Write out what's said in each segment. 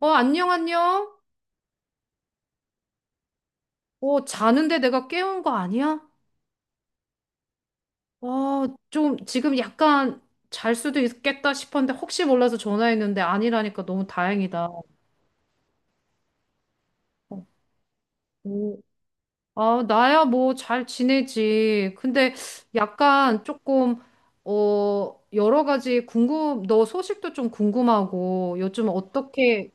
안녕, 안녕. 자는데 내가 깨운 거 아니야? 좀 지금 약간 잘 수도 있겠다 싶었는데 혹시 몰라서 전화했는데 아니라니까 너무 다행이다. 오. 아, 나야 뭐 잘 지내지. 근데 약간 조금, 여러 가지 궁금, 너 소식도 좀 궁금하고 요즘 어떻게,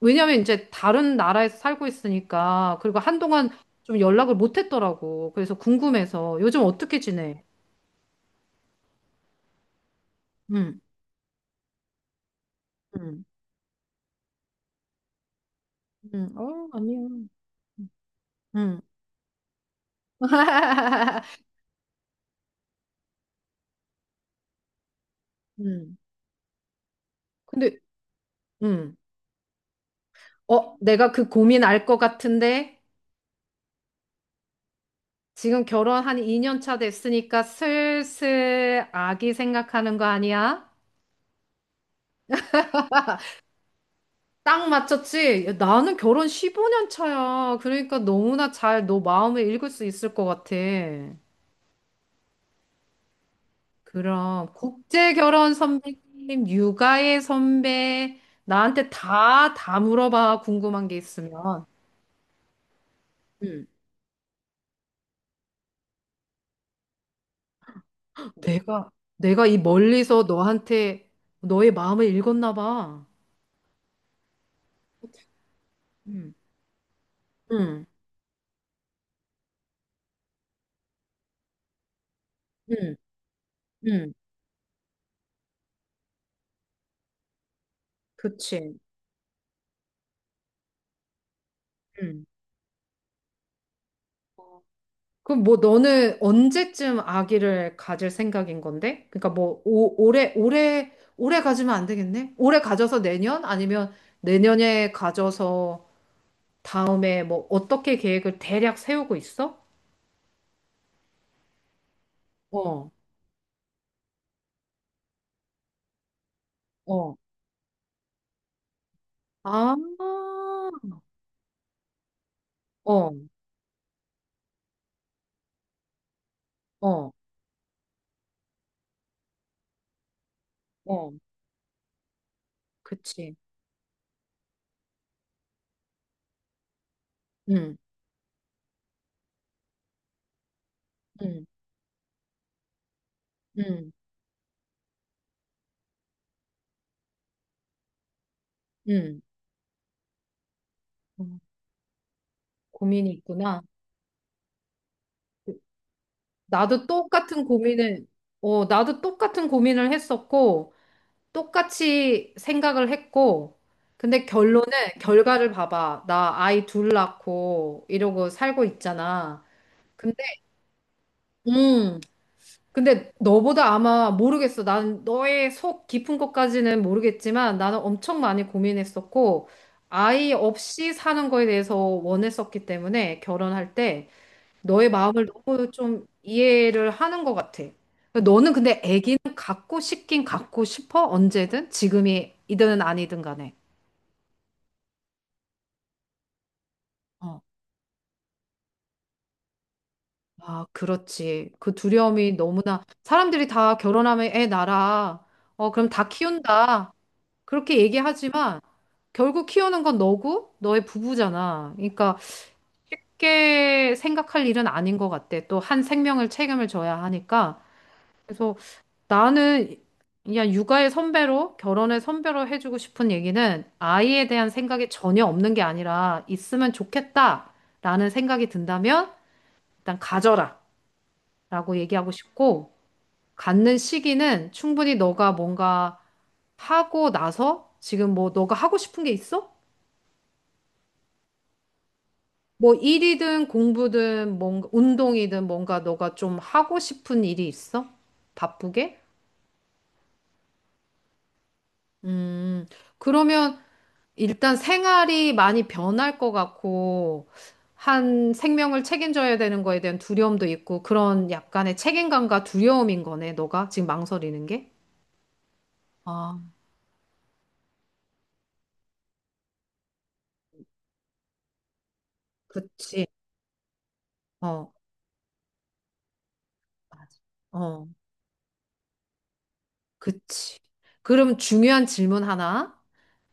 왜냐면 이제 다른 나라에서 살고 있으니까 그리고 한동안 좀 연락을 못 했더라고. 그래서 궁금해서 요즘 어떻게 지내? 응. 응. 아니요. 음. 음. 근데, 음. 내가 그 고민 알 것 같은데, 지금 결혼 한 2년 차 됐으니까 슬슬 아기 생각하는 거 아니야? 딱 맞췄지? 야, 나는 결혼 15년 차야. 그러니까 너무나 잘 너 마음을 읽을 수 있을 것 같아. 그럼, 국제 결혼 선배님, 육아의 선배, 나한테 다 물어봐. 궁금한 게 있으면. 네. 내가 이 멀리서 너한테 너의 마음을 읽었나 봐. 응 응 응 응 그치. 응. 그럼 뭐 너는 언제쯤 아기를 가질 생각인 건데? 그러니까 뭐 올해 올해 올해 가지면 안 되겠네? 올해 가져서 내년 아니면 내년에 가져서 다음에 뭐 어떻게 계획을 대략 세우고 있어? 어, 어, 아, 어, 어, 어. 그치. 응, 응, 응, 응 음, 고민이 있구나. 나도 똑같은 고민을, 나도 똑같은 고민을 했었고, 똑같이 생각을 했고, 근데 결론은, 결과를 봐봐. 나 아이 둘 낳고, 이러고 살고 있잖아. 근데, 음, 근데 너보다 아마 모르겠어. 난 너의 속 깊은 것까지는 모르겠지만, 나는 엄청 많이 고민했었고, 아이 없이 사는 거에 대해서 원했었기 때문에, 결혼할 때, 너의 마음을 너무 좀 이해를 하는 것 같아. 그러니까 너는 근데 아기는 갖고 싶긴 갖고 싶어? 언제든? 지금이든 아니든 간에. 어, 그렇지. 그 두려움이 너무나 사람들이 다 결혼하면 애 낳아. 그럼 다 키운다. 그렇게 얘기하지만 결국 키우는 건 너고 너의 부부잖아. 그러니까 쉽게 생각할 일은 아닌 것 같아. 또 한 생명을 책임을 져야 하니까. 그래서 나는 그냥 육아의 선배로, 결혼의 선배로 해주고 싶은 얘기는 아이에 대한 생각이 전혀 없는 게 아니라 있으면 좋겠다라는 생각이 든다면 일단 가져라 라고 얘기하고 싶고 갖는 시기는 충분히 너가 뭔가 하고 나서 지금 뭐 너가 하고 싶은 게 있어? 뭐 일이든 공부든 뭔가 운동이든 뭔가 너가 좀 하고 싶은 일이 있어? 바쁘게? 음. 그러면 일단 생활이 많이 변할 것 같고, 한 생명을 책임져야 되는 거에 대한 두려움도 있고, 그런 약간의 책임감과 두려움인 거네, 너가 지금 망설이는 게? 아, 그치. 어, 맞아. 어, 그치. 그럼 중요한 질문 하나.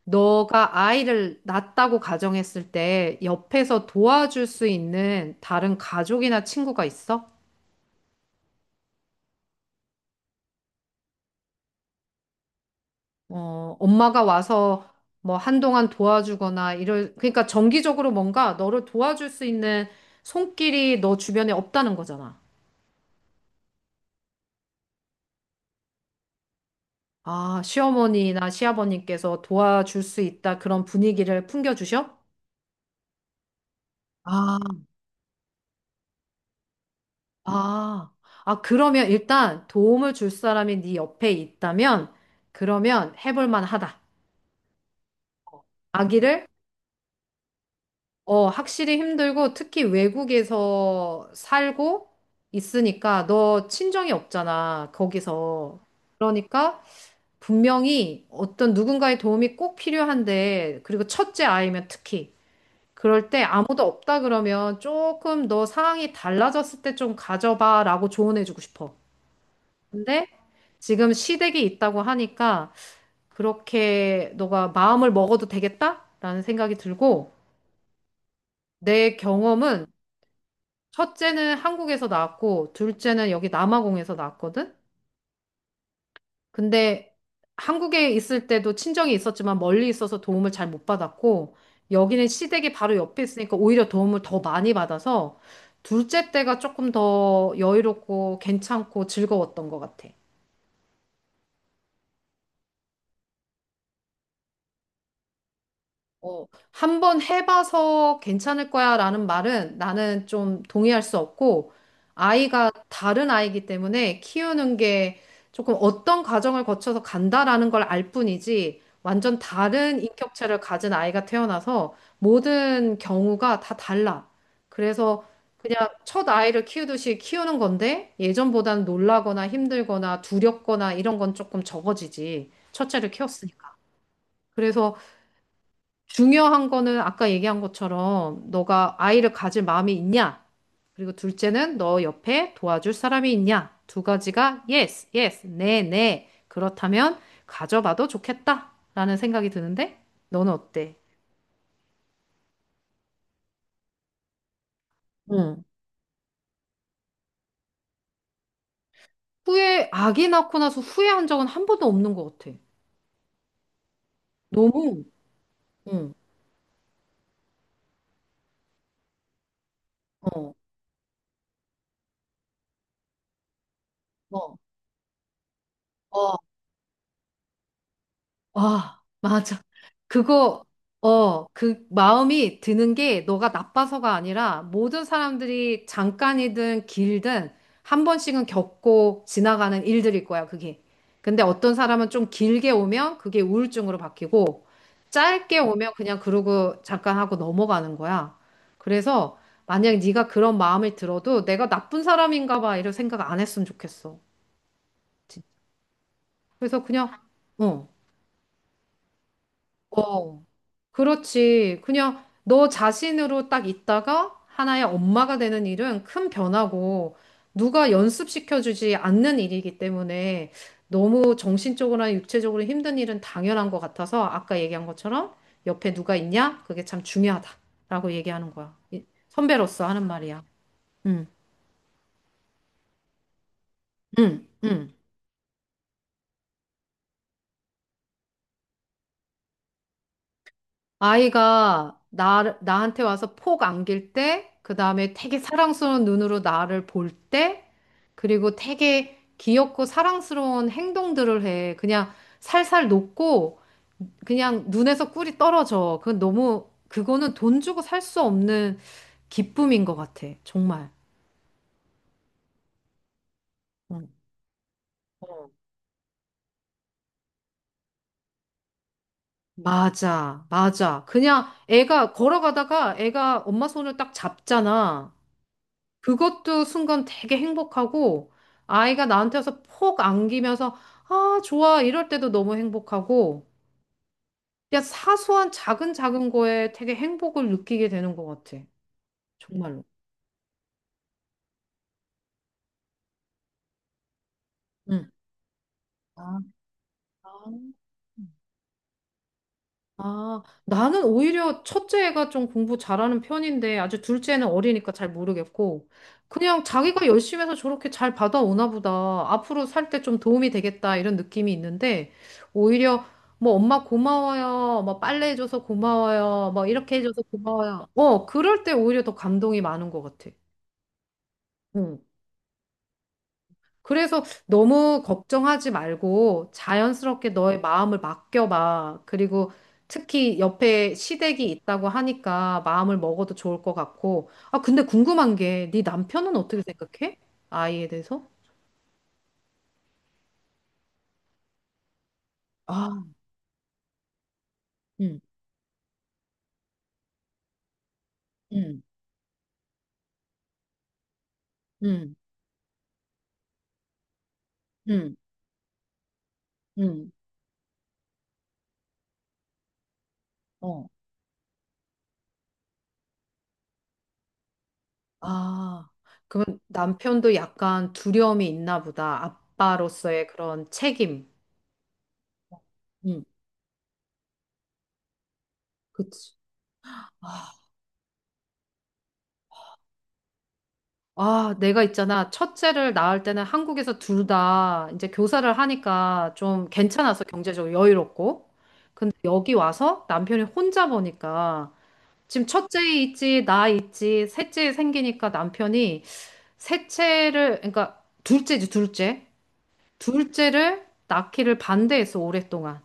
너가 아이를 낳았다고 가정했을 때, 옆에서 도와줄 수 있는 다른 가족이나 친구가 있어? 엄마가 와서 뭐 한동안 도와주거나 이럴, 그러니까 정기적으로 뭔가 너를 도와줄 수 있는 손길이 너 주변에 없다는 거잖아. 아, 시어머니나 시아버님께서 도와줄 수 있다 그런 분위기를 풍겨주셔? 아, 아, 아, 그러면 일단 도움을 줄 사람이 네 옆에 있다면 그러면 해볼 만하다. 아기를 확실히 힘들고 특히 외국에서 살고 있으니까 너 친정이 없잖아, 거기서. 그러니까 분명히 어떤 누군가의 도움이 꼭 필요한데, 그리고 첫째 아이면 특히. 그럴 때 아무도 없다 그러면 조금 너 상황이 달라졌을 때 좀 가져봐라고 조언해주고 싶어. 근데 지금 시댁이 있다고 하니까 그렇게 너가 마음을 먹어도 되겠다라는 생각이 들고, 내 경험은 첫째는 한국에서 낳았고, 둘째는 여기 남아공에서 낳았거든? 근데 한국에 있을 때도 친정이 있었지만 멀리 있어서 도움을 잘 못 받았고, 여기는 시댁이 바로 옆에 있으니까 오히려 도움을 더 많이 받아서, 둘째 때가 조금 더 여유롭고 괜찮고 즐거웠던 것 같아. 어, 한번 해봐서 괜찮을 거야 라는 말은 나는 좀 동의할 수 없고, 아이가 다른 아이기 때문에 키우는 게 조금 어떤 과정을 거쳐서 간다라는 걸 알 뿐이지, 완전 다른 인격체를 가진 아이가 태어나서 모든 경우가 다 달라. 그래서 그냥 첫 아이를 키우듯이 키우는 건데, 예전보다는 놀라거나 힘들거나 두렵거나 이런 건 조금 적어지지. 첫째를 키웠으니까. 그래서 중요한 거는 아까 얘기한 것처럼 너가 아이를 가질 마음이 있냐? 그리고 둘째는 너 옆에 도와줄 사람이 있냐? 두 가지가 yes, yes, 네, 네. 그렇다면 가져봐도 좋겠다라는 생각이 드는데 너는 어때? 응. 후회, 아기 낳고 나서 후회한 적은 한 번도 없는 것 같아. 너무, 응, 어, 어, 어, 아, 맞아. 그거, 그 마음이 드는 게 너가 나빠서가 아니라 모든 사람들이 잠깐이든 길든 한 번씩은 겪고 지나가는 일들일 거야, 그게. 근데 어떤 사람은 좀 길게 오면 그게 우울증으로 바뀌고 짧게 오면 그냥 그러고 잠깐 하고 넘어가는 거야. 그래서 만약 네가 그런 마음을 들어도 내가 나쁜 사람인가 봐 이런 생각 안 했으면 좋겠어. 그래서 그냥, 어, 어, 그렇지. 그냥 너 자신으로 딱 있다가 하나의 엄마가 되는 일은 큰 변화고 누가 연습시켜주지 않는 일이기 때문에 너무 정신적으로나 육체적으로 힘든 일은 당연한 것 같아서 아까 얘기한 것처럼 옆에 누가 있냐? 그게 참 중요하다라고 얘기하는 거야. 선배로서 하는 말이야. 응, 응, 응. 아이가 나한테 와서 폭 안길 때, 그 다음에 되게 사랑스러운 눈으로 나를 볼 때, 그리고 되게 귀엽고 사랑스러운 행동들을 해. 그냥 살살 녹고, 그냥 눈에서 꿀이 떨어져. 그건 너무, 그거는 돈 주고 살 수 없는 기쁨인 것 같아. 정말. 응. 어. 맞아, 맞아. 그냥 애가 걸어가다가 애가 엄마 손을 딱 잡잖아. 그것도 순간 되게 행복하고 아이가 나한테 와서 폭 안기면서 아, 좋아. 이럴 때도 너무 행복하고 그냥 사소한 작은 작은 거에 되게 행복을 느끼게 되는 것 같아. 정말로. 응. 아, 아. 아, 나는 오히려 첫째 애가 좀 공부 잘하는 편인데 아주 둘째는 어리니까 잘 모르겠고 그냥 자기가 열심히 해서 저렇게 잘 받아오나 보다. 앞으로 살 때 좀 도움이 되겠다 이런 느낌이 있는데 오히려 뭐 엄마 고마워요. 뭐 빨래 해줘서 고마워요. 뭐 이렇게 해줘서 고마워요. 그럴 때 오히려 더 감동이 많은 것 같아. 응. 그래서 너무 걱정하지 말고 자연스럽게 너의 마음을 맡겨봐. 그리고 특히 옆에 시댁이 있다고 하니까 마음을 먹어도 좋을 것 같고. 아, 근데 궁금한 게 네 남편은 어떻게 생각해? 아이에 대해서? 아, 응, 응, 응, 응, 응. 어. 아, 그럼 남편도 약간 두려움이 있나 보다. 아빠로서의 그런 책임. 응, 그치. 아, 내가 있잖아. 첫째를 낳을 때는 한국에서 둘 다 이제 교사를 하니까 좀 괜찮아서 경제적으로 여유롭고. 근데 여기 와서 남편이 혼자 보니까 지금 첫째 있지, 나 있지, 셋째 생기니까 남편이 셋째를, 그러니까 둘째지, 둘째. 둘째를 낳기를 반대했어, 오랫동안.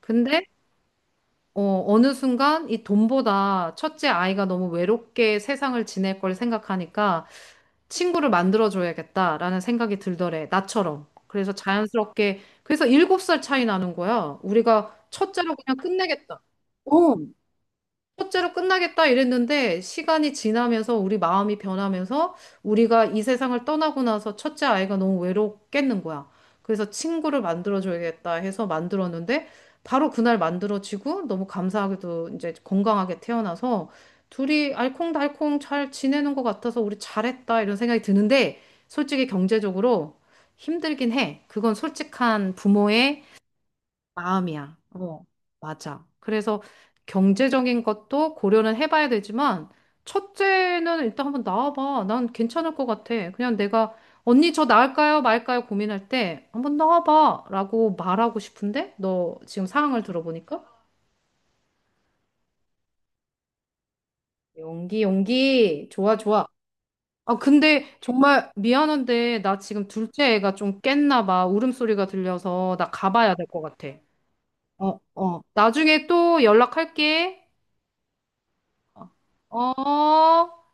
근데, 어느 순간 이 돈보다 첫째 아이가 너무 외롭게 세상을 지낼 걸 생각하니까 친구를 만들어줘야겠다라는 생각이 들더래. 나처럼. 그래서 자연스럽게, 그래서 7살 차이 나는 거야. 우리가 첫째로 그냥 끝내겠다. 어. 첫째로 끝나겠다 이랬는데 시간이 지나면서 우리 마음이 변하면서 우리가 이 세상을 떠나고 나서 첫째 아이가 너무 외롭겠는 거야. 그래서 친구를 만들어줘야겠다 해서 만들었는데 바로 그날 만들어지고 너무 감사하게도 이제 건강하게 태어나서 둘이 알콩달콩 잘 지내는 것 같아서 우리 잘했다 이런 생각이 드는데 솔직히 경제적으로 힘들긴 해. 그건 솔직한 부모의 마음이야. 어, 맞아. 그래서 경제적인 것도 고려는 해봐야 되지만, 첫째는 일단 한번 나와봐. 난 괜찮을 것 같아. 그냥 내가, 언니 저 나을까요? 말까요? 고민할 때, 한번 나와봐. 라고 말하고 싶은데? 너 지금 상황을 들어보니까? 용기, 용기. 좋아, 좋아. 아, 근데 정말 미안한데, 나 지금 둘째 애가 좀 깼나 봐. 울음소리가 들려서 나 가봐야 될 것 같아. 어, 어. 나중에 또 연락할게. 어,